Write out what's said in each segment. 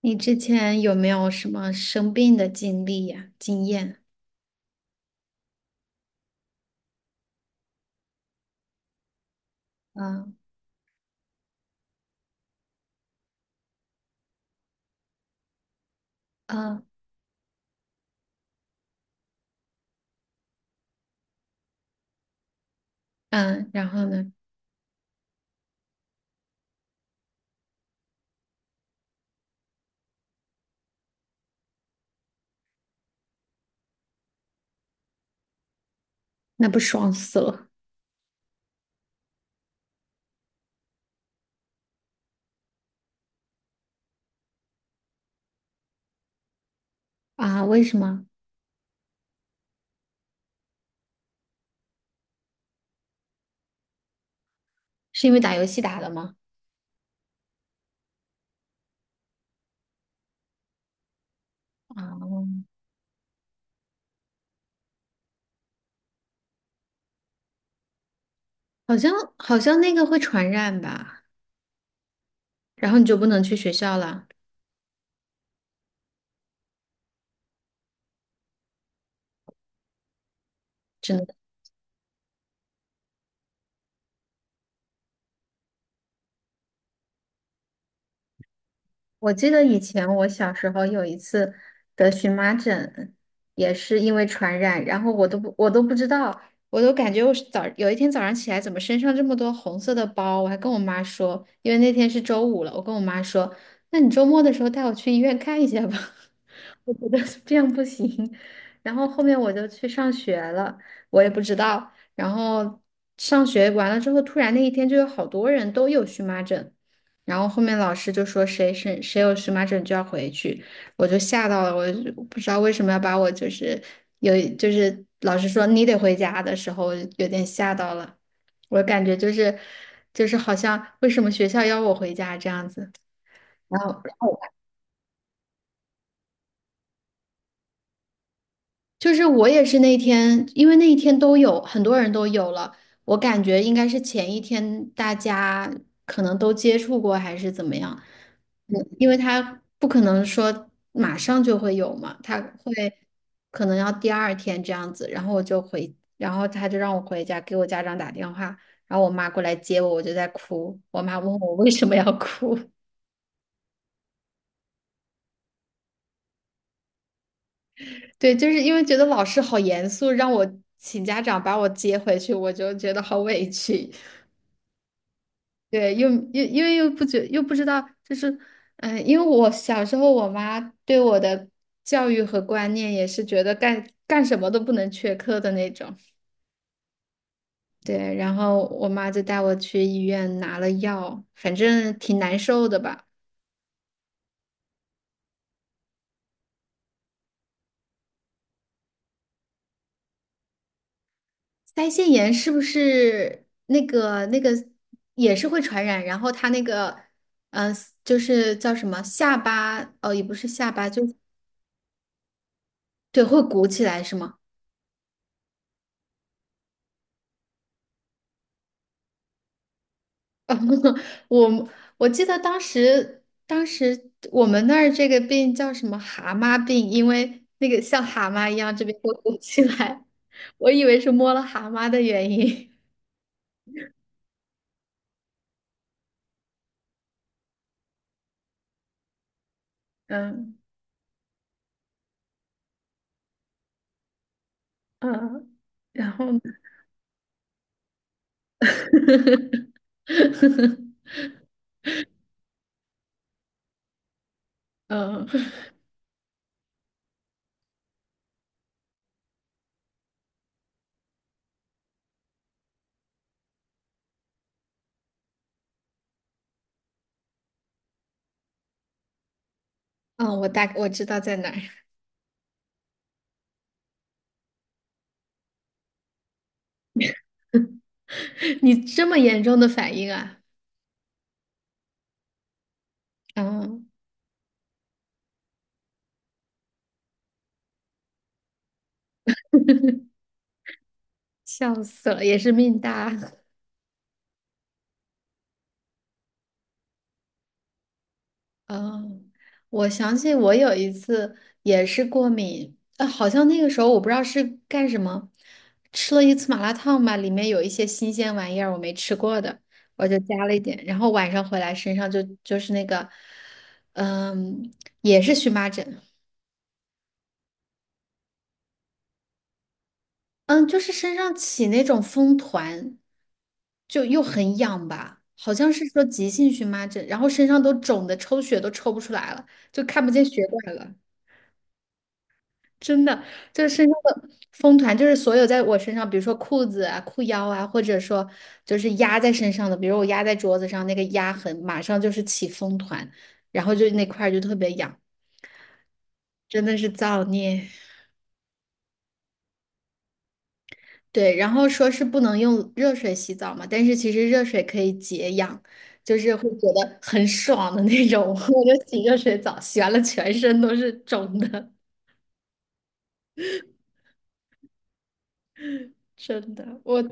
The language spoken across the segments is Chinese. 你之前有没有什么生病的经历呀、经验？嗯嗯嗯，然后呢？那不爽死了。啊！为什么？是因为打游戏打的吗？啊，好像好像那个会传染吧。然后你就不能去学校了。只能。我记得以前我小时候有一次得荨麻疹，也是因为传染，然后我都不知道，我都感觉我是早有一天早上起来怎么身上这么多红色的包，我还跟我妈说，因为那天是周五了，我跟我妈说，那你周末的时候带我去医院看一下吧，我觉得这样不行。然后后面我就去上学了，我也不知道，然后上学完了之后，突然那一天就有好多人都有荨麻疹。然后后面老师就说谁有荨麻疹就要回去，我就吓到了，我就不知道为什么要把我就是有就是老师说你得回家的时候，我有点吓到了，我感觉就是好像为什么学校要我回家这样子，然后。就是我也是那天，因为那一天都有很多人都有了，我感觉应该是前一天大家可能都接触过还是怎么样，嗯，因为他不可能说马上就会有嘛，他会可能要第二天这样子，然后我就回，然后他就让我回家给我家长打电话，然后我妈过来接我，我就在哭，我妈问我为什么要哭。对，就是因为觉得老师好严肃，让我请家长把我接回去，我就觉得好委屈。对，又因为又不知道，就是，嗯、因为我小时候我妈对我的教育和观念也是觉得干什么都不能缺课的那种。对，然后我妈就带我去医院拿了药，反正挺难受的吧。腮腺炎是不是那个也是会传染？然后它那个，嗯、就是叫什么下巴，哦，也不是下巴，就对，会鼓起来是吗？我我记得当时，当时我们那儿这个病叫什么蛤蟆病，因为那个像蛤蟆一样这边会鼓起来，我以为是摸了蛤蟆的原因。嗯嗯，然后呢？嗯，嗯，我知道在哪儿。你这么严重的反应啊？嗯，笑死了，也是命大。哦，我想起我有一次也是过敏，啊，好像那个时候我不知道是干什么，吃了一次麻辣烫吧，里面有一些新鲜玩意儿我没吃过的，我就加了一点，然后晚上回来身上就是那个，嗯，也是荨麻疹。嗯，就是身上起那种风团，就又很痒吧，好像是说急性荨麻疹，然后身上都肿的抽血都抽不出来了，就看不见血管了。真的就是那个风团，就是所有在我身上，比如说裤子啊、裤腰啊，或者说就是压在身上的，比如我压在桌子上那个压痕，马上就是起风团，然后就那块儿就特别痒，真的是造孽。对，然后说是不能用热水洗澡嘛，但是其实热水可以解痒，就是会觉得很爽的那种。我就洗热水澡，洗完了全身都是肿的，真的。我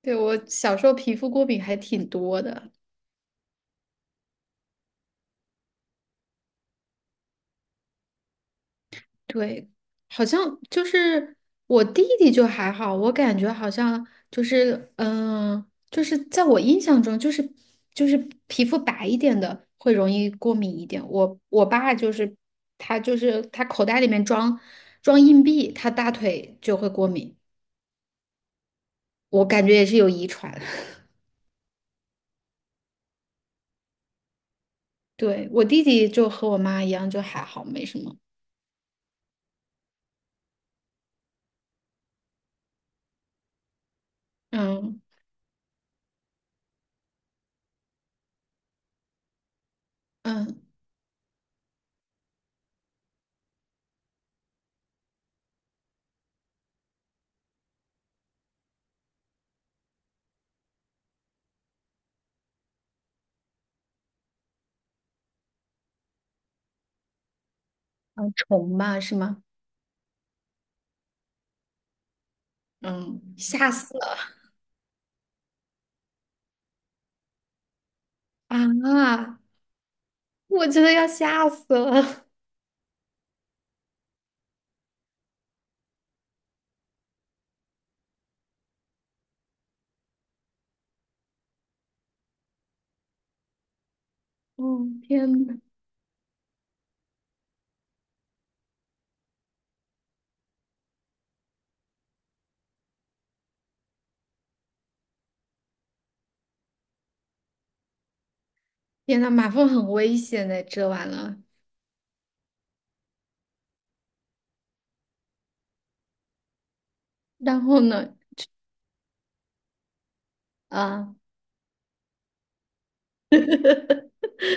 对我小时候皮肤过敏还挺多的。对，好像就是我弟弟就还好，我感觉好像就是嗯、就是在我印象中，就是就是皮肤白一点的会容易过敏一点。我爸就是他就是他口袋里面装硬币，他大腿就会过敏，我感觉也是有遗传。对，我弟弟就和我妈一样，就还好，没什么。嗯嗯嗯，虫吧是吗？嗯，吓死了。啊！我真的要吓死了。哦，天呐。天呐，马蜂很危险的，蛰完了。然后呢，啊。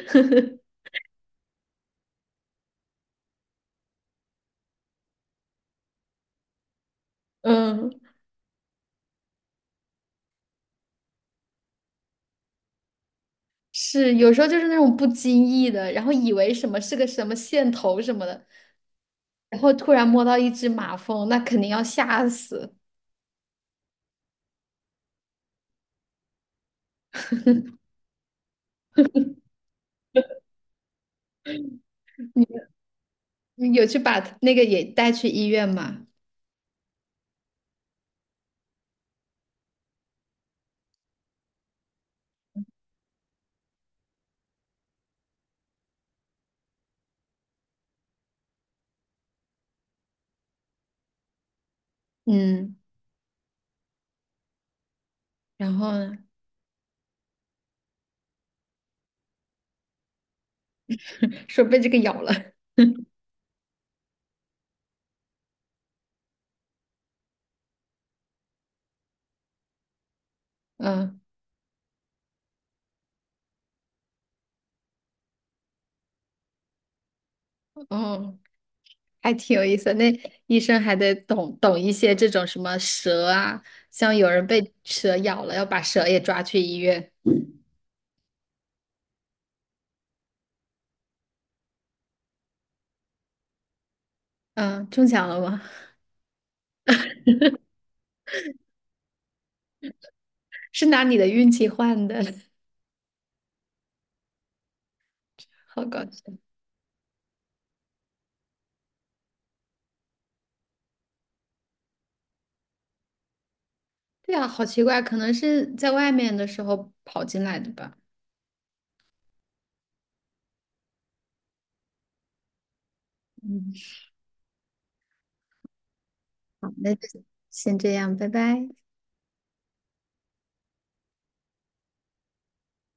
嗯，是有时候就是那种不经意的，然后以为什么是个什么线头什么的，然后突然摸到一只马蜂，那肯定要吓死。嗯，有去把那个也带去医院嘛？嗯，然后呢？ 说被这个咬了。嗯，哦。还挺有意思的，那医生还得懂一些这种什么蛇啊，像有人被蛇咬了，要把蛇也抓去医院。嗯，中奖了吗？是拿你的运气换的。好搞笑。对啊，好奇怪，可能是在外面的时候跑进来的吧。嗯，好，那就先这样，拜拜。